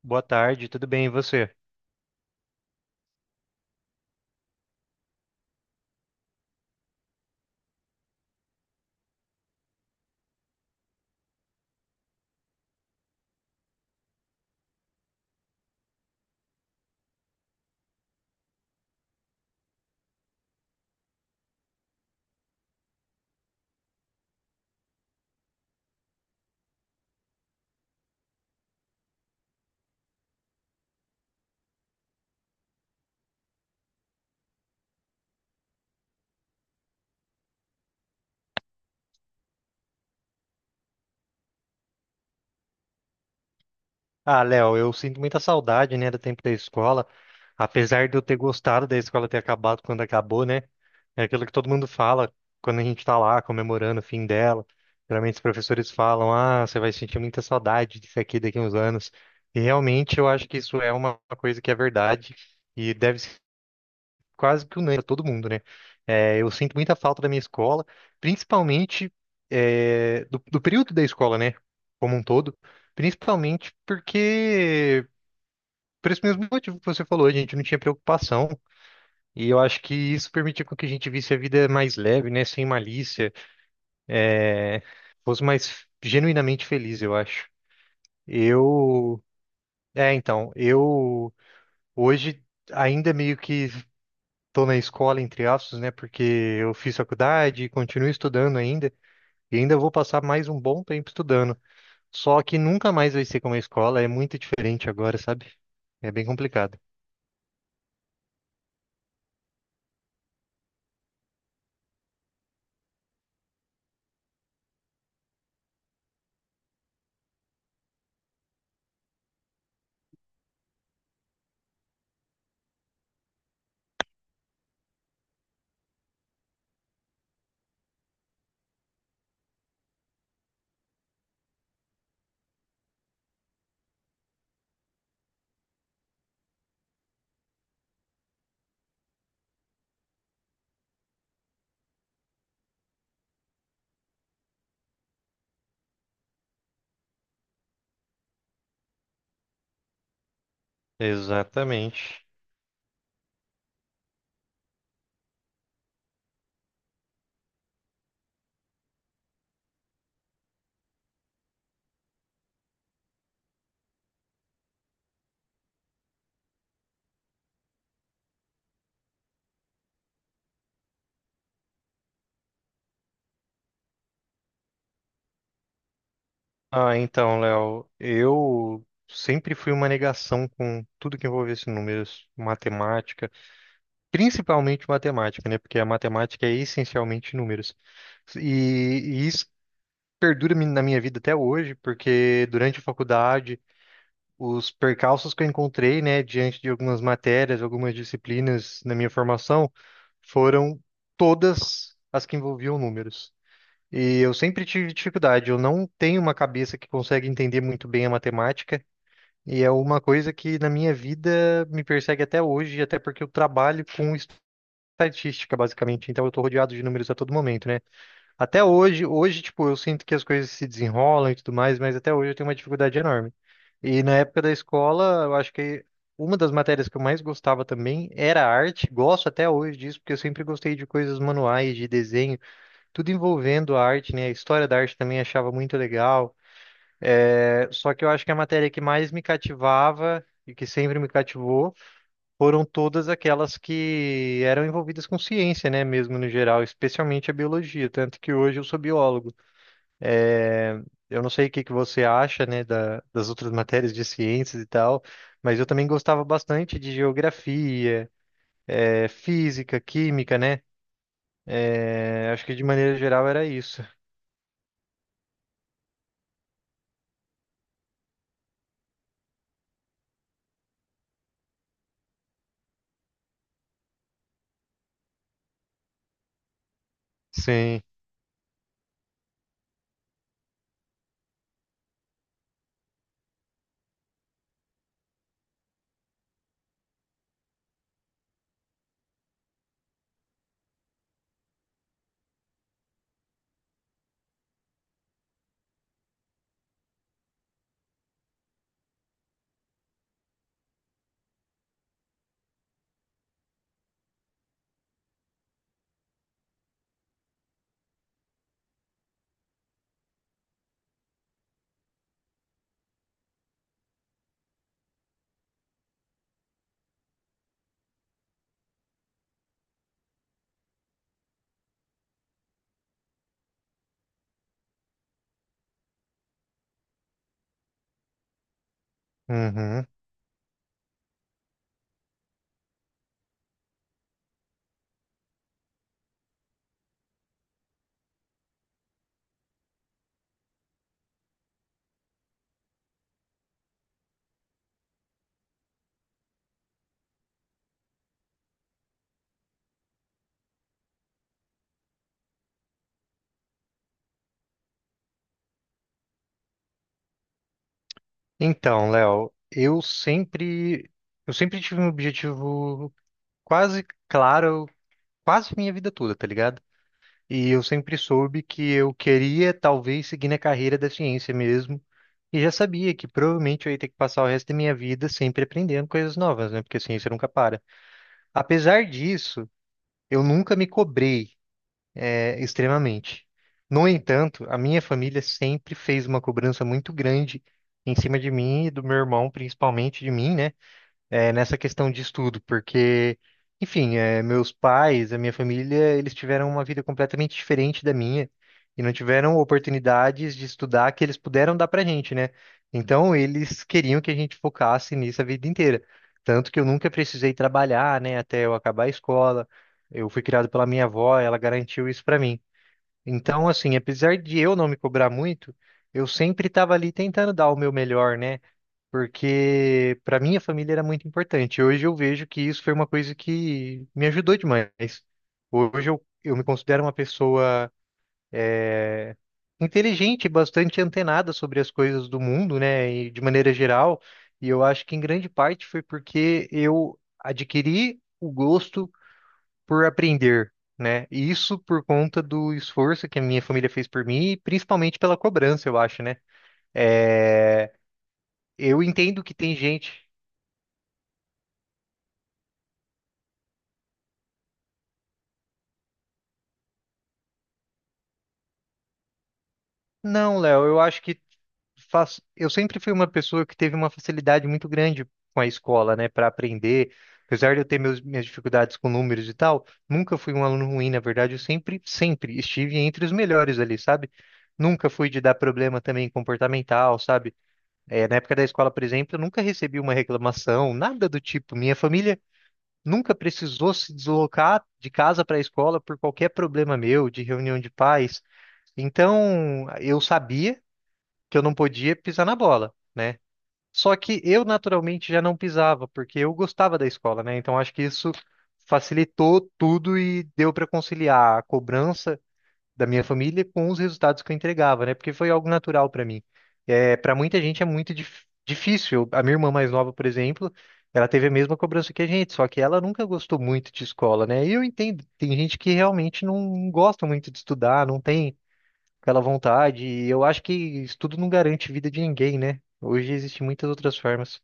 Boa tarde, tudo bem, e você? Ah, Léo, eu sinto muita saudade, né, do tempo da escola. Apesar de eu ter gostado da escola ter acabado quando acabou, né? É aquilo que todo mundo fala quando a gente tá lá comemorando o fim dela. Geralmente os professores falam: "Ah, você vai sentir muita saudade disso aqui daqui a uns anos". E realmente eu acho que isso é uma coisa que é verdade e deve quase que unânime pra todo mundo, né? Eu sinto muita falta da minha escola, principalmente do período da escola, né? Como um todo, principalmente porque, por esse mesmo motivo que você falou, a gente não tinha preocupação. E eu acho que isso permitia com que a gente visse a vida mais leve, né? Sem malícia, fosse mais genuinamente feliz, eu acho. Eu. Eu hoje ainda meio que. Estou na escola, entre aspas, né? Porque eu fiz faculdade e continuo estudando ainda. E ainda vou passar mais um bom tempo estudando. Só que nunca mais vai ser como a escola, é muito diferente agora, sabe? É bem complicado. Exatamente. Ah, então, Léo, eu sempre fui uma negação com tudo que envolvesse números, matemática, principalmente matemática, né? Porque a matemática é essencialmente números. E isso perdura na minha vida até hoje, porque durante a faculdade os percalços que eu encontrei, né, diante de algumas matérias, algumas disciplinas na minha formação, foram todas as que envolviam números. E eu sempre tive dificuldade, eu não tenho uma cabeça que consegue entender muito bem a matemática, e é uma coisa que na minha vida me persegue até hoje, até porque eu trabalho com estatística, basicamente, então eu estou rodeado de números a todo momento, né? Até hoje, hoje, tipo, eu sinto que as coisas se desenrolam e tudo mais, mas até hoje eu tenho uma dificuldade enorme. E na época da escola, eu acho que uma das matérias que eu mais gostava também era arte. Gosto até hoje disso, porque eu sempre gostei de coisas manuais, de desenho, tudo envolvendo a arte, né? A história da arte também achava muito legal. Só que eu acho que a matéria que mais me cativava e que sempre me cativou foram todas aquelas que eram envolvidas com ciência, né? Mesmo no geral, especialmente a biologia. Tanto que hoje eu sou biólogo. É, eu não sei o que que você acha, né, das outras matérias de ciências e tal, mas eu também gostava bastante de geografia, física, química, né? É, acho que de maneira geral era isso. Sim. Uhum. Então, Léo, eu sempre tive um objetivo quase claro, quase minha vida toda, tá ligado? E eu sempre soube que eu queria talvez seguir na carreira da ciência mesmo. E já sabia que provavelmente eu ia ter que passar o resto da minha vida sempre aprendendo coisas novas, né? Porque a ciência nunca para. Apesar disso, eu nunca me cobrei, extremamente. No entanto, a minha família sempre fez uma cobrança muito grande em cima de mim e do meu irmão, principalmente de mim, né? É, nessa questão de estudo, porque, enfim, é, meus pais, a minha família, eles tiveram uma vida completamente diferente da minha e não tiveram oportunidades de estudar que eles puderam dar pra gente, né? Então, eles queriam que a gente focasse nisso a vida inteira. Tanto que eu nunca precisei trabalhar, né, até eu acabar a escola. Eu fui criado pela minha avó, ela garantiu isso pra mim. Então, assim, apesar de eu não me cobrar muito, eu sempre estava ali tentando dar o meu melhor, né? Porque para minha família era muito importante. Hoje eu vejo que isso foi uma coisa que me ajudou demais. Hoje eu me considero uma pessoa inteligente, bastante antenada sobre as coisas do mundo, né, e de maneira geral, e eu acho que em grande parte foi porque eu adquiri o gosto por aprender, né? E isso por conta do esforço que a minha família fez por mim e principalmente pela cobrança, eu acho, né? É, eu entendo que tem gente não, Léo, eu acho que eu sempre fui uma pessoa que teve uma facilidade muito grande com a escola, né, para aprender. Apesar de eu ter minhas dificuldades com números e tal, nunca fui um aluno ruim, na verdade, sempre estive entre os melhores ali, sabe? Nunca fui de dar problema também comportamental, sabe? É, na época da escola, por exemplo, eu nunca recebi uma reclamação, nada do tipo. Minha família nunca precisou se deslocar de casa para a escola por qualquer problema meu, de reunião de pais. Então, eu sabia que eu não podia pisar na bola, né? Só que eu naturalmente já não pisava, porque eu gostava da escola, né? Então acho que isso facilitou tudo e deu para conciliar a cobrança da minha família com os resultados que eu entregava, né? Porque foi algo natural para mim. É, para muita gente é muito difícil. A minha irmã mais nova, por exemplo, ela teve a mesma cobrança que a gente, só que ela nunca gostou muito de escola, né? E eu entendo, tem gente que realmente não gosta muito de estudar, não tem aquela vontade. E eu acho que isso tudo não garante vida de ninguém, né? Hoje existem muitas outras formas.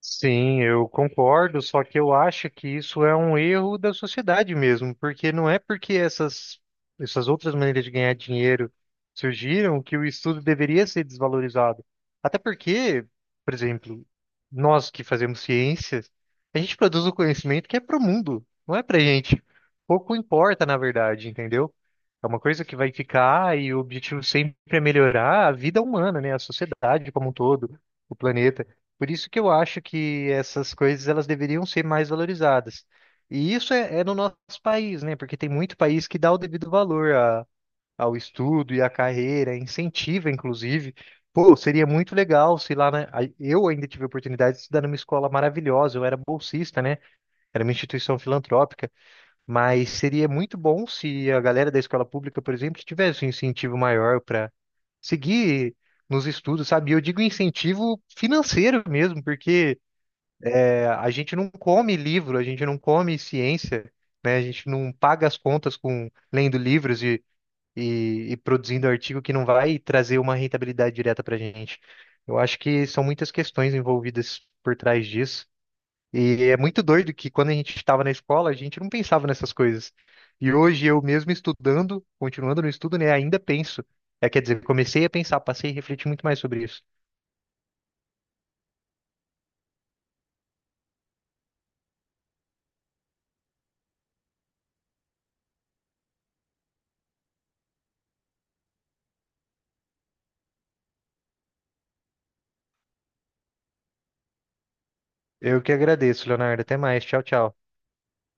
Sim, eu concordo, só que eu acho que isso é um erro da sociedade mesmo, porque não é porque essas outras maneiras de ganhar dinheiro surgiram que o estudo deveria ser desvalorizado. Até porque, por exemplo, nós que fazemos ciências, a gente produz o conhecimento que é para o mundo, não é para gente. Pouco importa, na verdade, entendeu? É uma coisa que vai ficar e o objetivo sempre é melhorar a vida humana, né? A sociedade como um todo, o planeta. Por isso que eu acho que essas coisas elas deveriam ser mais valorizadas. E isso é no nosso país, né? Porque tem muito país que dá o devido valor ao estudo e à carreira, incentiva, inclusive. Pô, seria muito legal se lá, né? Eu ainda tive a oportunidade de estudar numa escola maravilhosa, eu era bolsista, né? Era uma instituição filantrópica, mas seria muito bom se a galera da escola pública, por exemplo, tivesse um incentivo maior para seguir nos estudos, sabe? E eu digo incentivo financeiro mesmo, porque a gente não come livro, a gente não come ciência, né? A gente não paga as contas com lendo livros e produzindo artigo que não vai trazer uma rentabilidade direta para a gente. Eu acho que são muitas questões envolvidas por trás disso. E é muito doido que quando a gente estava na escola, a gente não pensava nessas coisas. E hoje eu mesmo estudando, continuando no estudo, né, ainda penso. É, quer dizer, comecei a pensar, passei a refletir muito mais sobre isso. Eu que agradeço, Leonardo. Até mais. Tchau, tchau.